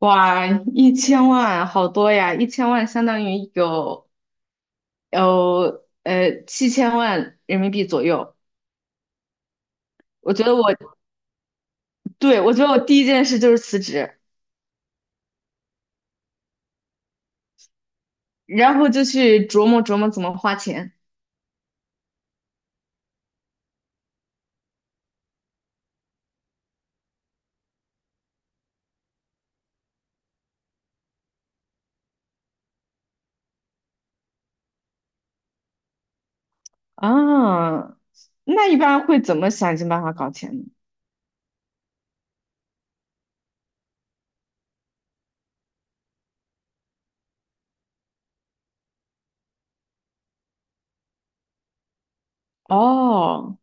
哇，1000万好多呀！一千万相当于有7000万人民币左右。我觉得我对，我觉得我第一件事就是辞职，然后就去琢磨琢磨怎么花钱。啊。那一般会怎么想尽办法搞钱呢？哦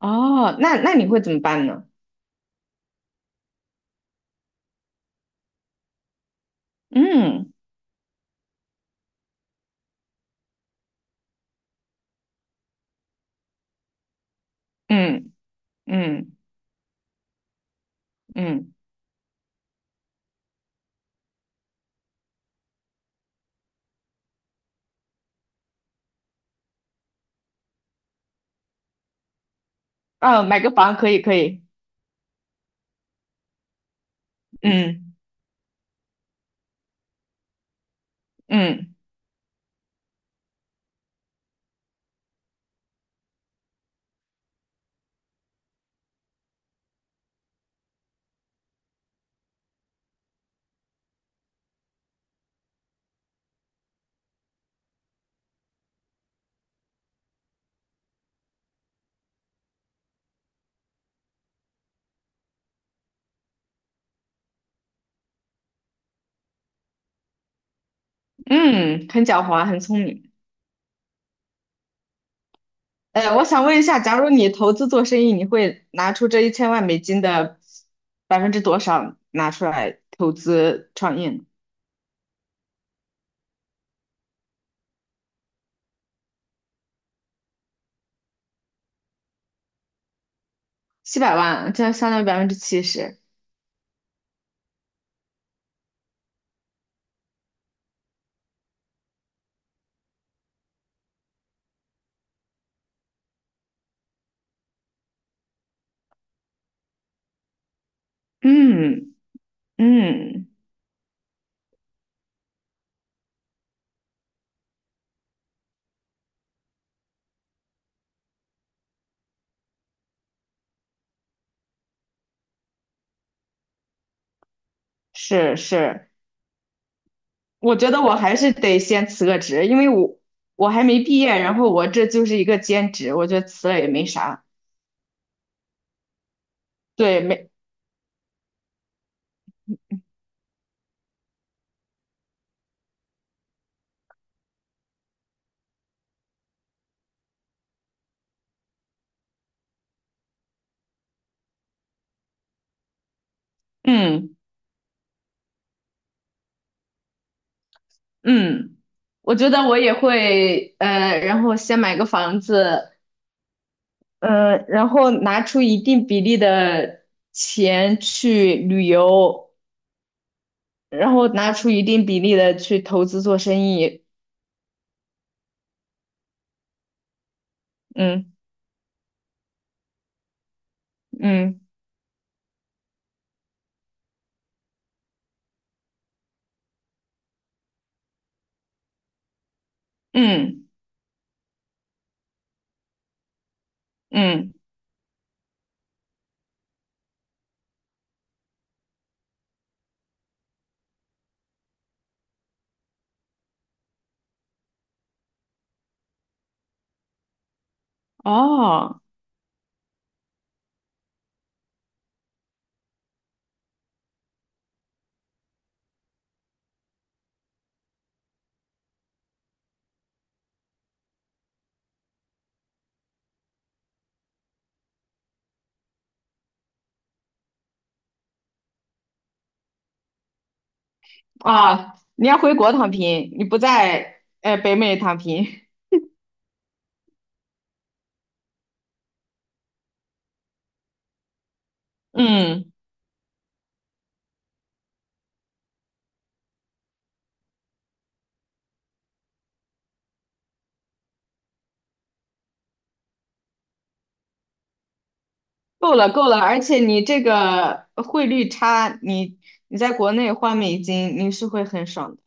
哦，那你会怎么办呢？嗯嗯嗯嗯。啊，买个房可以可以。嗯嗯嗯，很狡猾，很聪明。我想问一下，假如你投资做生意，你会拿出这一千万美金的百分之多少拿出来投资创业呢？700万，这相当于70%。嗯嗯，是是。我觉得我还是得先辞个职，因为我还没毕业，然后我这就是一个兼职，我觉得辞了也没啥。对，没。嗯嗯，我觉得我也会，然后先买个房子。嗯，然后拿出一定比例的钱去旅游，然后拿出一定比例的去投资做生意。嗯嗯嗯嗯，哦啊，你要回国躺平，你不在北美躺平。嗯，够了够了，而且你这个汇率差，你在国内换美金，你是会很爽的。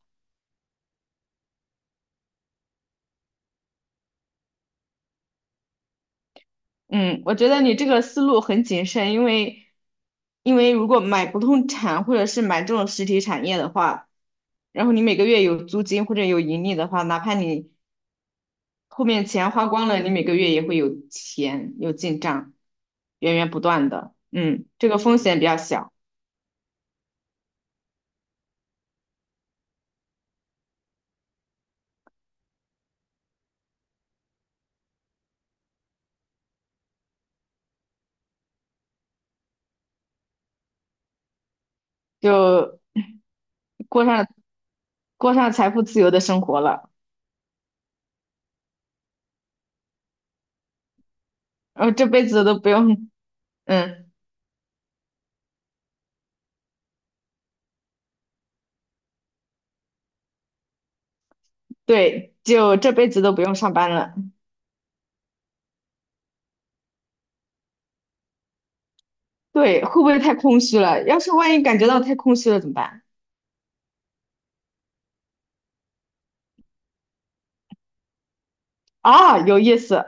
嗯，我觉得你这个思路很谨慎，因为如果买不动产或者是买这种实体产业的话，然后你每个月有租金或者有盈利的话，哪怕你后面钱花光了，你每个月也会有钱有进账，源源不断的。嗯，这个风险比较小，就过上过上财富自由的生活了，然后这辈子都不用。嗯，对，就这辈子都不用上班了。对，会不会太空虚了？要是万一感觉到太空虚了怎么办？啊，有意思。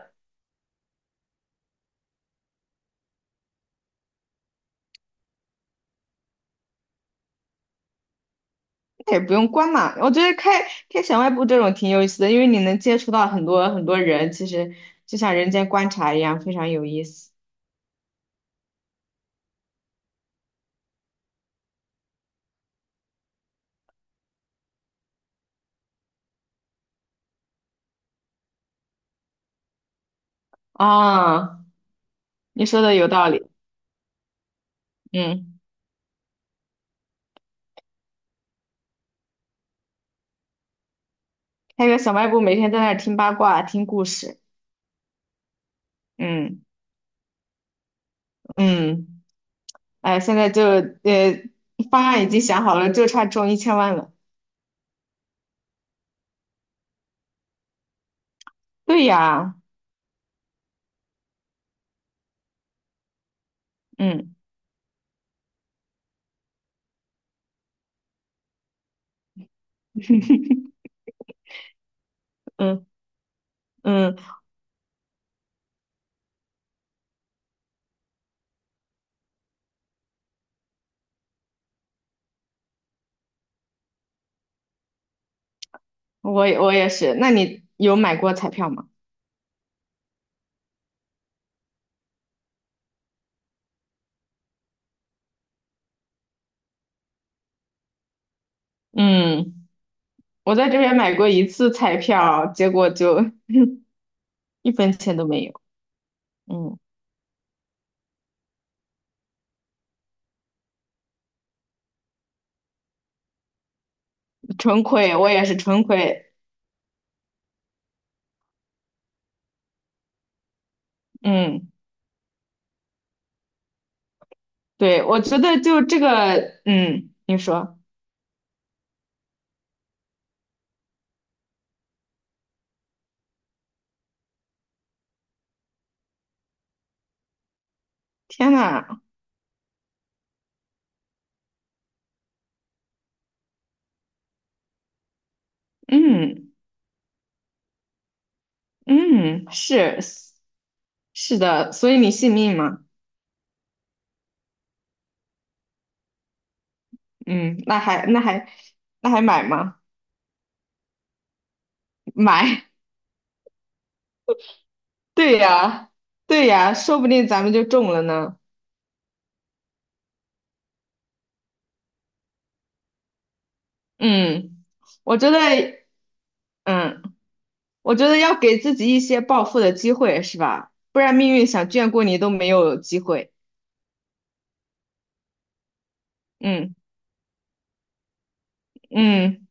那也不用关嘛。我觉得开小卖部这种挺有意思的，因为你能接触到很多很多人，其实就像人间观察一样，非常有意思。啊，你说的有道理。嗯，开个小卖部，每天在那儿听八卦、听故事。嗯嗯，哎，现在就方案已经想好了，就差中一千万了。对呀，嗯 嗯嗯。我也是。那你有买过彩票吗？嗯，我在这边买过一次彩票，结果就 一分钱都没有。嗯，纯亏，我也是纯亏。嗯，对，我觉得就这个，嗯，你说，天呐，嗯嗯，是的，所以你信命吗？嗯，那还买吗？买，对呀对呀，说不定咱们就中了呢。嗯，我觉得，嗯。我觉得要给自己一些暴富的机会，是吧？不然命运想眷顾你都没有机会。嗯嗯，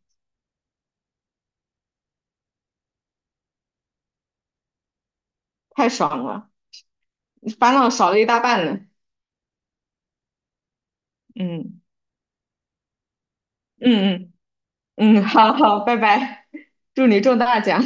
太爽了，烦恼少了一大半了。嗯嗯嗯嗯，好好，拜拜，祝你中大奖。